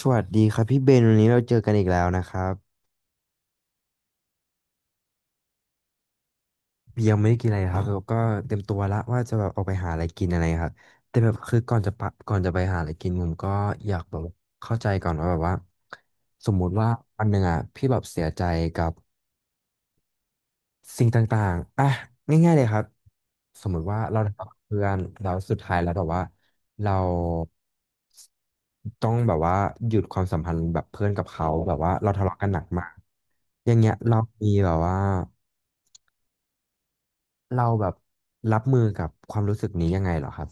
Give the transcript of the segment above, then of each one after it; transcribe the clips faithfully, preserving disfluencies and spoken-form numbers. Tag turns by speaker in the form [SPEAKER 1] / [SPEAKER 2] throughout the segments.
[SPEAKER 1] สวัสดีครับพี่เบนวันนี้เราเจอกันอีกแล้วนะครับยังไม่ได้กินอะไรครับแล้วก็เตรียมตัวละว่าจะแบบออกไปหาอะไรกินอะไรครับแต่แบบคือก่อนจะปะก่อนจะไปหาอะไรกินผมก็อยากแบบเข้าใจก่อนว่าแบบว่าสมมุติว่าวันหนึ่งอ่ะพี่แบบเสียใจกับสิ่งต่างๆอ่ะง่ายๆเลยครับสมมุติว่าเราทะเลาะกับเพื่อนแล้วสุดท้ายแล้วแบบว่าเราต้องแบบว่าหยุดความสัมพันธ์แบบเพื่อนกับเขาแบบว่าเราทะเลาะกันหนักมากอย่างเงี้ยเรามีแบบว่า เราแบบรับมือกับความรู้สึกนี้ยังไงเหรอครับ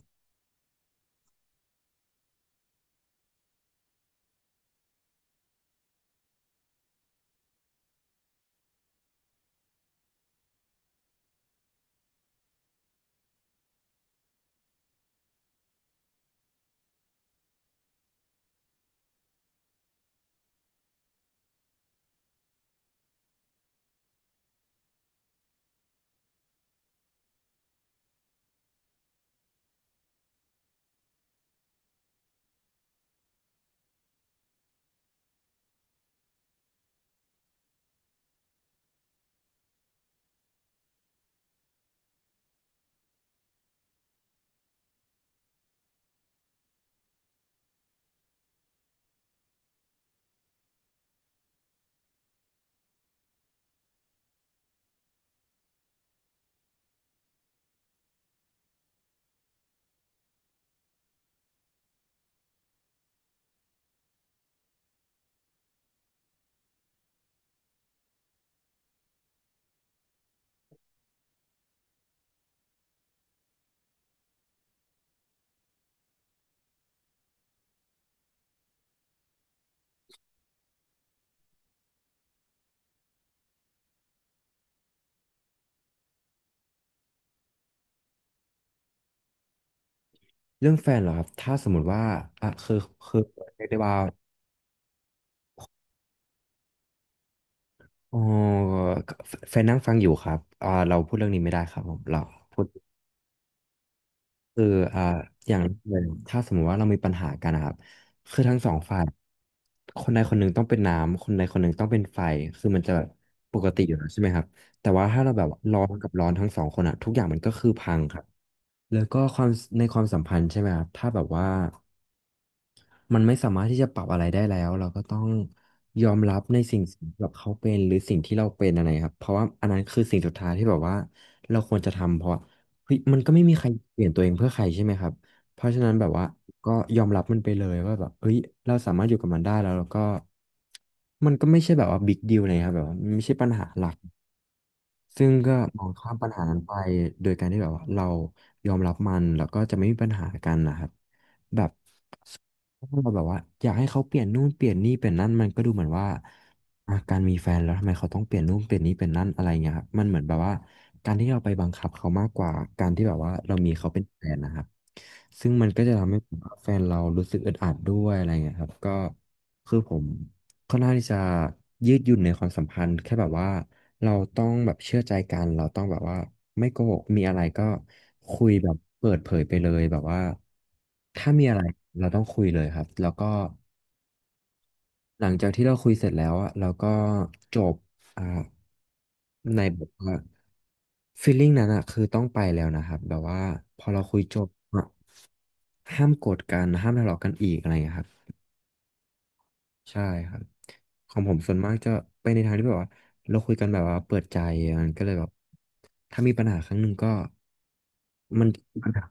[SPEAKER 1] เรื่องแฟนเหรอครับถ้าสมมติว่าอ่ะคือคือเรียกได้ว่าอ๋อแฟนนั่งฟังอยู่ครับอ่าเราพูดเรื่องนี้ไม่ได้ครับผมเราพูดคืออ่าอย่างแรกเลยถ้าสมมติว่าเรามีปัญหากันนะครับคือทั้งสองฝ่ายคนใดคนหนึ่งต้องเป็นน้ำคนใดคนหนึ่งต้องเป็นไฟคือมันจะแบบปกติอยู่แล้วใช่ไหมครับแต่ว่าถ้าเราแบบร้อนกับร้อนทั้งสองคนอะทุกอย่างมันก็คือพังครับแล้วก็ความในความสัมพันธ์ใช่ไหมครับถ้าแบบว่า มันไม่สามารถที่จะปรับอะไรได้แล้วเราก็ต้องยอมรับในสิ่งที่แบบเขาเป็นหรือสิ่งที่เราเป็นอะไรครับเพราะว่าอันนั้นคือสิ่งสุดท้ายที่แบบว่าเราควรจะทำเพราะเฮ้ยมันก็ไม่มีใครเปลี่ยนตัวเองเพื่อใครใช่ไหมครับเพราะฉะนั้นแบบว่าก็ยอมรับมันไปเลยว่าแบบเฮ้ยเราสามารถอยู่กับมันได้แล้วแล้วก็มันก็ไม่ใช่แบบว่าบิ๊กดีลเลยครับแบบว่ามันไม่ใช่ปัญหาหลัก ซึ่งก็มองข้ามปัญหานั้นไปโดยการที่แบบว่าเรายอมรับมันแล้วก็จะไม่มีปัญหากันนะครับแบบถ้าเราแบบว่าอยากให้เขาเปลี่ยนนู่นเปลี่ยนนี่เปลี่ยนนั่นมันก็ดูเหมือนว่าอ่ะการมีแฟนแล้วทำไมเขาต้องเปลี่ยนนู่นเปลี่ยนนี่เปลี่ยนนั่นอะไรเงี้ยครับมันเหมือนแบบว่าการที่เราไปบังคับเขามากกว่าการที่แบบว่าเรามีเขาเป็นแฟนนะครับซึ่งมันก็จะทำให้ผมกับแฟนเรารู้สึกอึดอัดด้วยอะไรเงี้ยครับก็คือผม ค่อนข้างที่จะยืดหยุ่นในความสัมพันธ์แค่แบบว่าเราต้องแบบเชื่อใจกันเราต้องแบบว่าไม่โกหกมีอะไรก็คุยแบบเปิดเผยไปเลยแบบว่าถ้ามีอะไรเราต้องคุยเลยครับแล้วก็หลังจากที่เราคุยเสร็จแล้วอะเราก็จบอ่าในแบบว่าฟีลลิ่งนั้นอะคือต้องไปแล้วนะครับแบบว่าพอเราคุยจบอะห้ามโกรธกันห้ามทะเลาะกันอีกอะไรอย่างเงี้ยครับ ใช่ครับของผมส่วนมากจะไปในทางที่แบบว่าเราคุยกันแบบว่าเปิดใจมันก็เลยแบบถ้ามีปัญหาครั้งหนึ่งก็มันมีปัญหา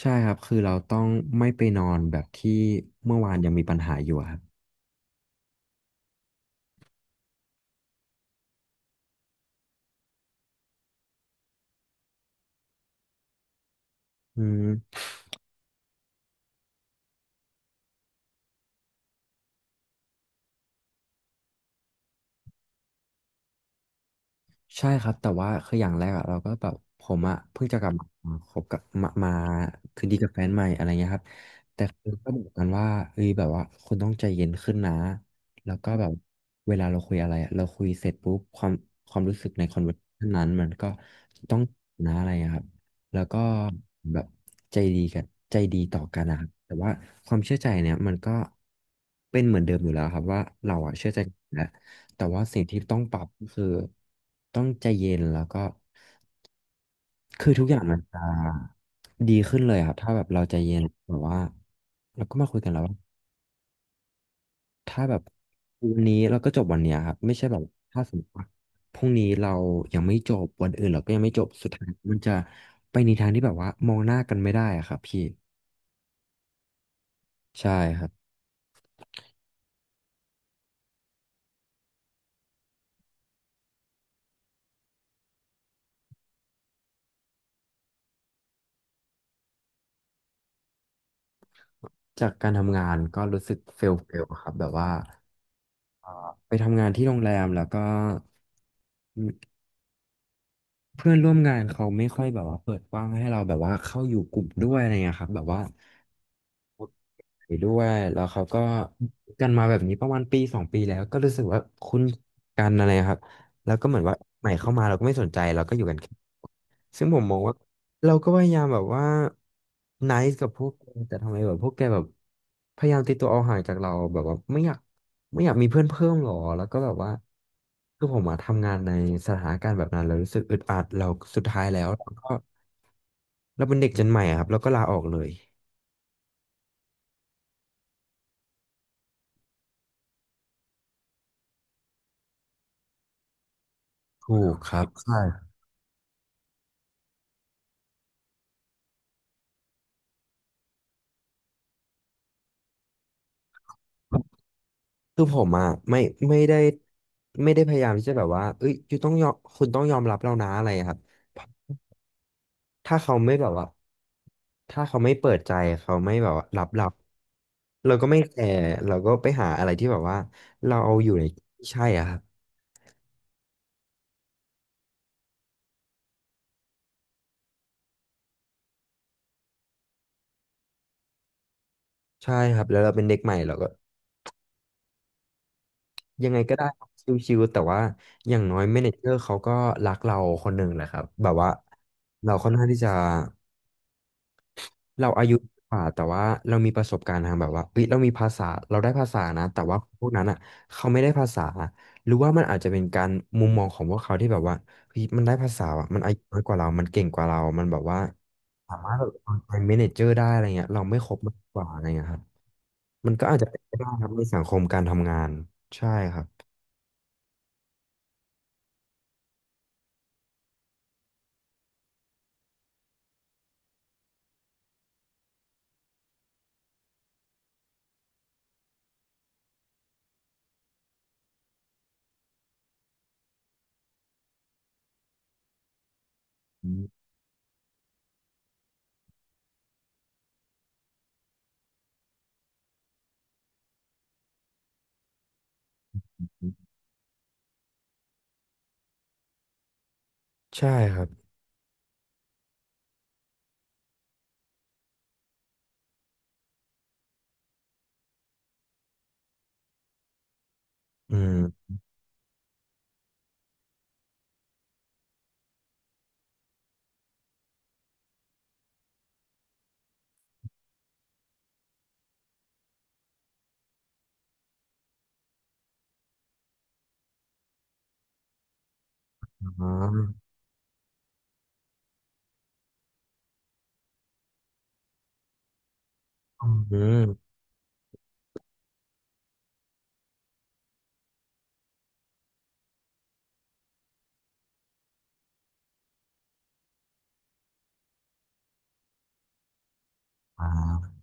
[SPEAKER 1] ใช่ครับคือเราต้องไม่ไปนอนแบบที่เมื่อวานยังมีปัญหาอยู่อะครับอืม ใช่ครับแต่ว่าคืออย่างแรกอะเราก็แบบผมอะเพิ่งจะกลับมาคบกับมามาคืนดีกับแฟนใหม่อะไรเงี้ยครับแต่คือก็บอกกันว่าเอ้ยแบบว่าคุณต้องใจเย็นขึ้นนะแล้วก็แบบเวลาเราคุยอะไรอะเราคุยเสร็จปุ๊บความความรู้สึกในคอนเวอร์ชันนั้นมันก็ต้องนะอะไรอะครับ แล้วก็แบบใจดีกันใจดีต่อกันนะครับแต่ว่าความเชื่อใจเนี่ยมันก็เป็นเหมือนเดิมอยู่แล้วครับว่าเราอะเชื่อใจกันแล้วแต่ว่าสิ่งที่ต้องปรับก็คือต้องใจเย็นแล้วก็คือทุกอย่างมันจะดีขึ้นเลยครับถ้าแบบเราใจเย็นแบบว่าเราก็มาคุยกันแล้วว่าถ้าแบบวันนี้เราก็จบวันเนี้ยครับไม่ใช่แบบถ้าสมมติว่าพรุ่งนี้เรายังไม่จบวันอื่นเราก็ยังไม่จบสุดท้ายมันจะไปในทางที่แบบว่ามองหน้ากันไม่ได้อะครับพี่ ใช่ครับจากการทำงานก็รู้สึกเฟลเฟลครับแบบว่าไปทำงานที่โรงแรมแล้วก็เพื่อนร่วมงานเขาไม่ค่อยแบบว่าเปิดกว้างให้เราแบบว่าเข้าอยู่กลุ่มด้วยอะไรเงี้ยครับแบบว่า ไปด้วยแล้วเขาก็กันมาแบบนี้ประมาณปีสองปีแล้วก็รู้สึกว่าคุ้นกันอะไรครับแล้วก็เหมือนว่าใหม่เข้ามาเราก็ไม่สนใจเราก็อยู่กันแค่ซึ่งผมมองว่าเราก็พยายามแบบว่า nice กับพวกแกแต่ทำไมแบบพวกแกแบบพยายามตีตัวเอาห่างจากเราแบบว่าไม่อยากไม่อยากมีเพื่อนเพิ่มหรอแล้วก็แบบว่าคือผมมาทำงานในสถานการณ์แบบนั้นเรารู้สึกอึดอัดเราสุดท้ายแล้วเราก็เราเป็นเด็กเจนใหม่อะครับเราก็ลาออกเลยถูกครับใช่ คือผมอ่ะไม่ไม่ได้ไม่ได้พยายามที่จะแบบว่าเอ้ยคุณต้องยอมคุณต้องยอมรับเรานะอะไรอะครับถ้าเขาไม่แบบว่าถ้าเขาไม่เปิดใจเขาไม่แบบว่ารับเราเราก็ไม่แคร์เราก็ไปหาอะไรที่แบบว่าเราเอาอยู่ในที่ใช่อะครับใช่ครับแล้วเราเป็นเด็กใหม่เราก็ยังไงก็ได้ชิวๆแต่ว่าอย่างน้อยเมเนเจอร์เขาก็รักเราคนหนึ่งแหละครับแบบว่าเราค่อนข้างที่จะ เราอายุกว่าแต่ว่าเรามีประสบการณ์ทางแบบว่าเอ้ยเรามีภาษาเราได้ภาษานะแต่ว่าพวกนั้นอ่ะเขาไม่ได้ภาษาหรือว่ามันอาจจะเป็นการมุมมองของพวกเขาที่แบบว่าเฮ้ยมันได้ภาษาอะมันอายุน้อยกว่าเรามันเก่งกว่าเรามันแบบว่าสามารถแบบเป็น manager ได้อะไรเงี้ยเราไม่ครบมากกว่าอะไรเงี้ยครับมันก็อาจจะเป็นไปได้ครับในสังคมการทำงานใช่ครับอืมใช่ครับอืมอ๋ออืมอ่า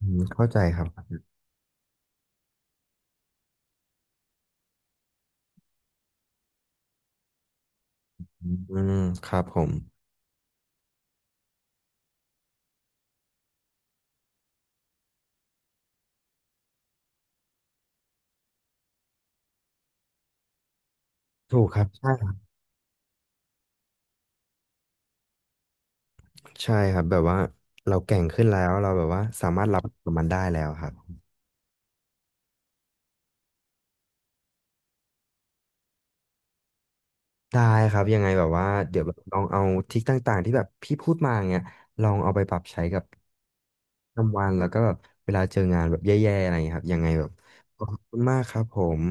[SPEAKER 1] อืมเข้าใจครับอืมครับผมถูกครับใช่ ใช่ครับแบบว่าเราแก่งขึ้นแล้วเราแบบว่าสามารถรับกับมันได้แล้วครับได้ครับยังไงแบบว่าเดี๋ยวแบบลองเอาทริคต่างๆที่แบบพี่พูดมาเงี้ยลองเอาไปปรับใช้กับทำวันแล้วก็แบบเวลาเจองานแบบแย่ๆอะไรอย่างเงี้ยครับยังไงแบบขอบคุณมากครับผม